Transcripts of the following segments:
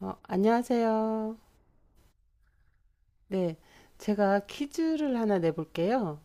안녕하세요. 네, 제가 퀴즈를 하나 내볼게요.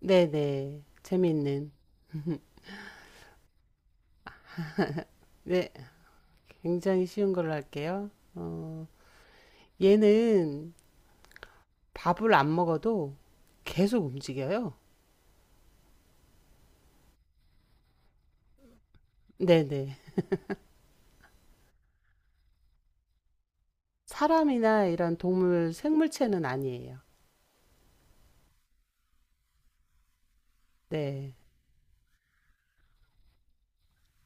네네, 재미있는. 네, 굉장히 쉬운 걸로 할게요. 얘는 밥을 안 먹어도 계속 움직여요. 네네. 사람이나 이런 동물 생물체는 아니에요. 네,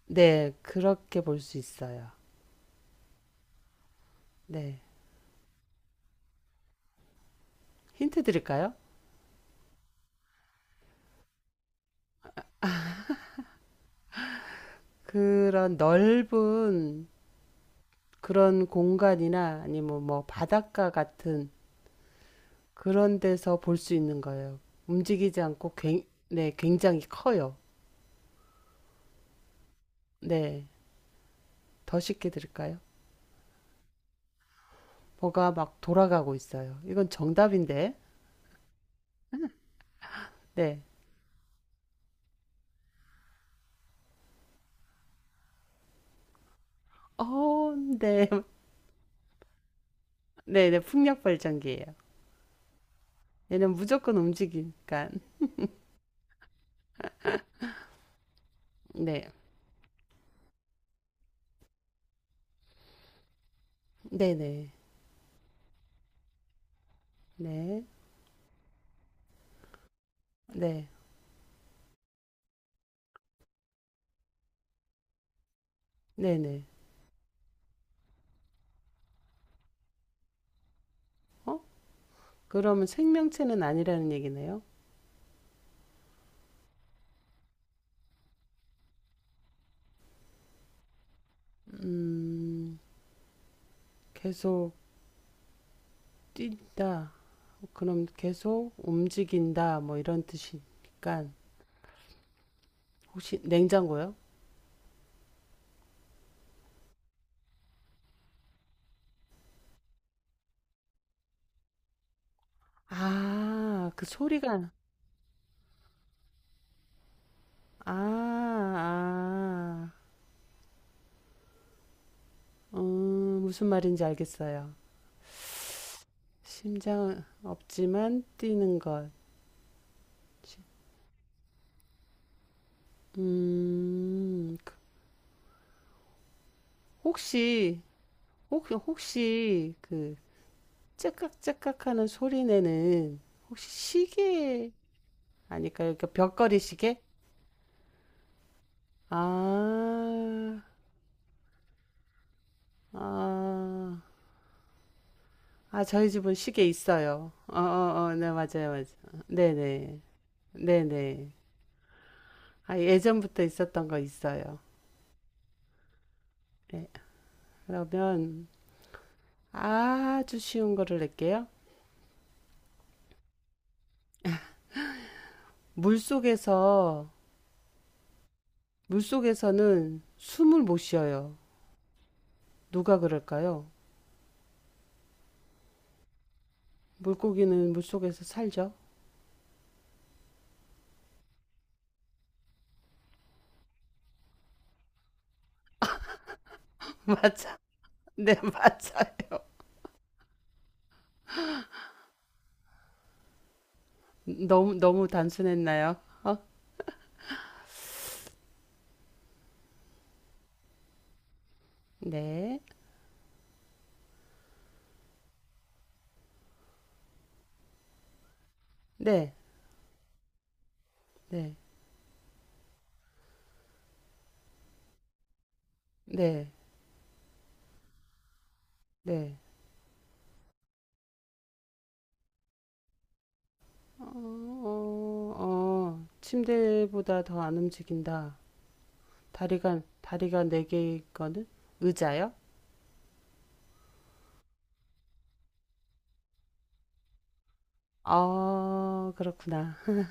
네, 그렇게 볼 수 있어요. 네, 힌트 드릴까요? 그런 넓은 그런 공간이나 아니면 뭐 바닷가 같은 그런 데서 볼 수 있는 거예요. 움직이지 않고, 네, 굉장히 커요. 네, 더 쉽게 드릴까요? 뭐가 막 돌아가고 있어요. 이건 정답인데, 네. 어, 네. 네, 네, 풍력 발전기예요. 얘는 무조건 움직이니까. 네, 네, 네, 네, 네, 네, 네. 어? 그러면 생명체는 아니라는 얘기네요. 음, 계속 뛴다. 그럼 계속 움직인다. 뭐 이런 뜻이니까. 혹시 냉장고요? 아, 그 소리가. 아, 아. 음, 무슨 말인지 알겠어요. 심장은 없지만 뛰는 것. 음, 그- 혹시, 혹시 그 째깍째깍 하는 소리 내는 혹시 시계 아닐까요? 그 벽걸이 시계? 아, 아, 아, 저희 집은 시계 있어요. 어, 어, 어, 네, 맞아요, 맞아요. 네네. 네네. 아, 예전부터 있었던 거 있어요. 네. 그러면 아주 쉬운 거를 낼게요. 물 속에서, 물 속에서는 숨을 못 쉬어요. 누가 그럴까요? 물고기는 물 속에서 살죠. 맞아. 네, 맞아요. 너무, 너무 단순했나요? 어? 네. 네, 네, 네, 네. 어, 어, 어. 침대보다 더 안 움직인다. 다리가 네 개일 거는 의자요? 아, 그렇구나.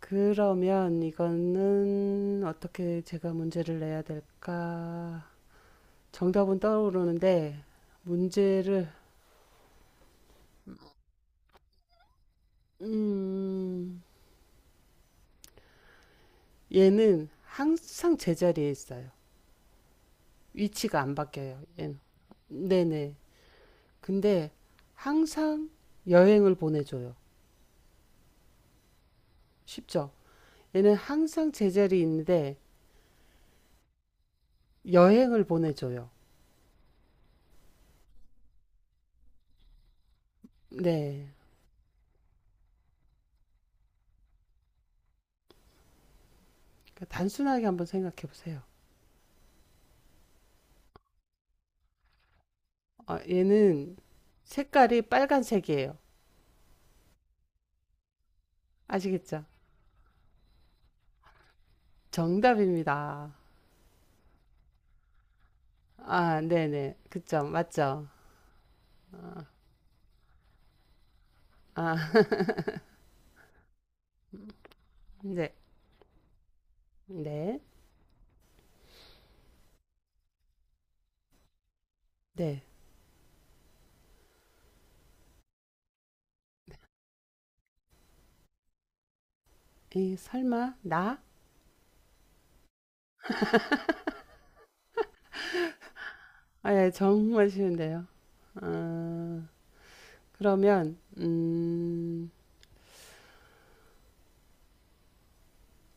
그러면 이거는 어떻게 제가 문제를 내야 될까? 정답은 떠오르는데, 문제를, 음, 얘는 항상 제자리에 있어요. 위치가 안 바뀌어요, 얘는. 네네. 근데 항상 여행을 보내줘요. 쉽죠? 얘는 항상 제자리에 있는데 여행을 보내줘요. 네. 그러니까 단순하게 한번 생각해 보세요. 얘는 색깔이 빨간색이에요. 아시겠죠? 정답입니다. 아, 네네. 그쵸. 맞죠? 아, 네. 네. 네. 설마, 나? 아, 예, 정말 쉬운데요. 아, 그러면,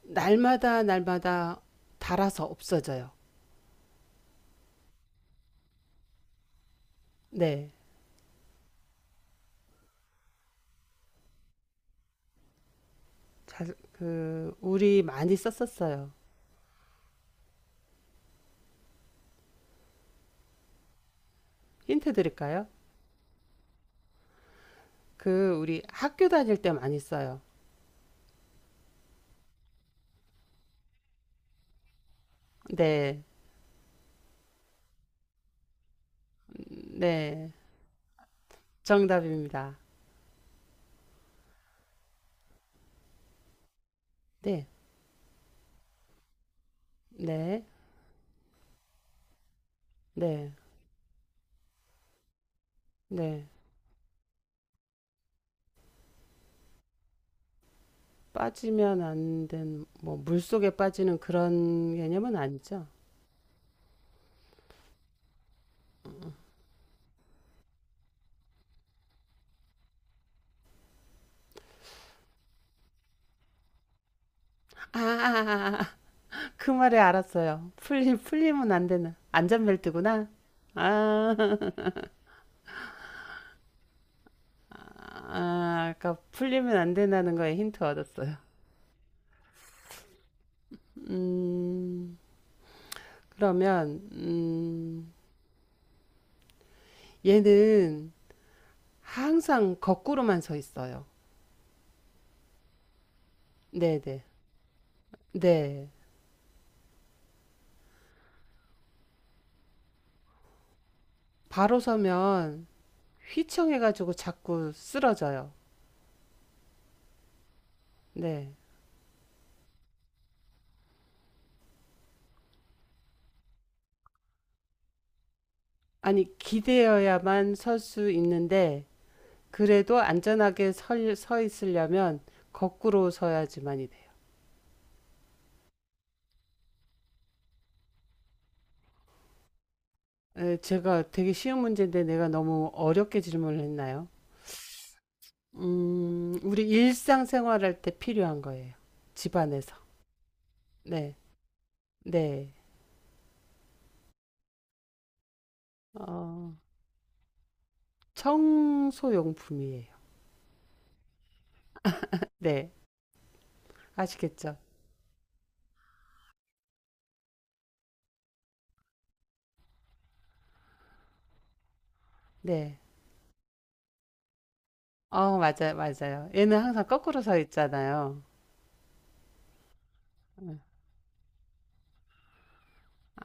날마다, 날마다 닳아서 없어져요. 네. 자, 우리 많이 썼었어요. 힌트 드릴까요? 우리 학교 다닐 때 많이 써요. 네. 네. 정답입니다. 네, 네, 네, 네. 빠지면 안 된, 뭐, 물 속에 빠지는 그런 개념은 아니죠. 아, 아, 아, 아, 그 말에 알았어요. 풀리면 안 되는, 안전벨트구나. 아, 아, 아까 풀리면 안 된다는 거에 힌트 얻었어요. 음, 그러면, 얘는 항상 거꾸로만 서 있어요. 네네. 네. 네. 바로 서면 휘청해가지고 자꾸 쓰러져요. 네. 아니, 기대어야만 설 수 있는데, 그래도 안전하게 서 있으려면 거꾸로 서야지만이 돼요. 제가 되게 쉬운 문제인데 내가 너무 어렵게 질문을 했나요? 우리 일상생활할 때 필요한 거예요. 집안에서. 네. 네. 어, 청소용품이에요. 네. 아시겠죠? 네. 어, 맞아요. 맞아요. 얘는 항상 거꾸로 서 있잖아요. 네.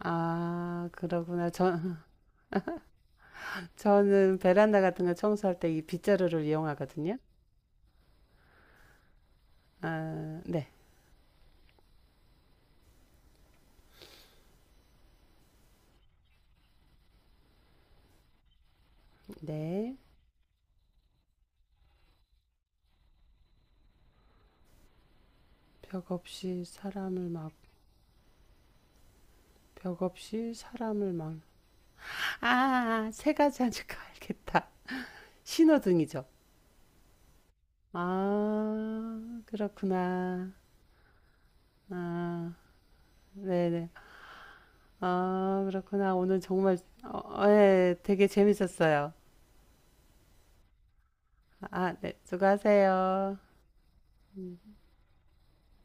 아, 그러구나. 저는 베란다 같은 거 청소할 때 이 빗자루를 이용하거든요. 아, 네, 네. 벽 없이 사람을 막, 벽 없이 사람을 막. 아, 아, 아, 세 가지 하니까 알겠다. 신호등이죠. 아, 그렇구나. 아, 네네. 아, 그렇구나. 오늘 정말, 어, 예, 되게 재밌었어요. 아, 네. 수고하세요. 음.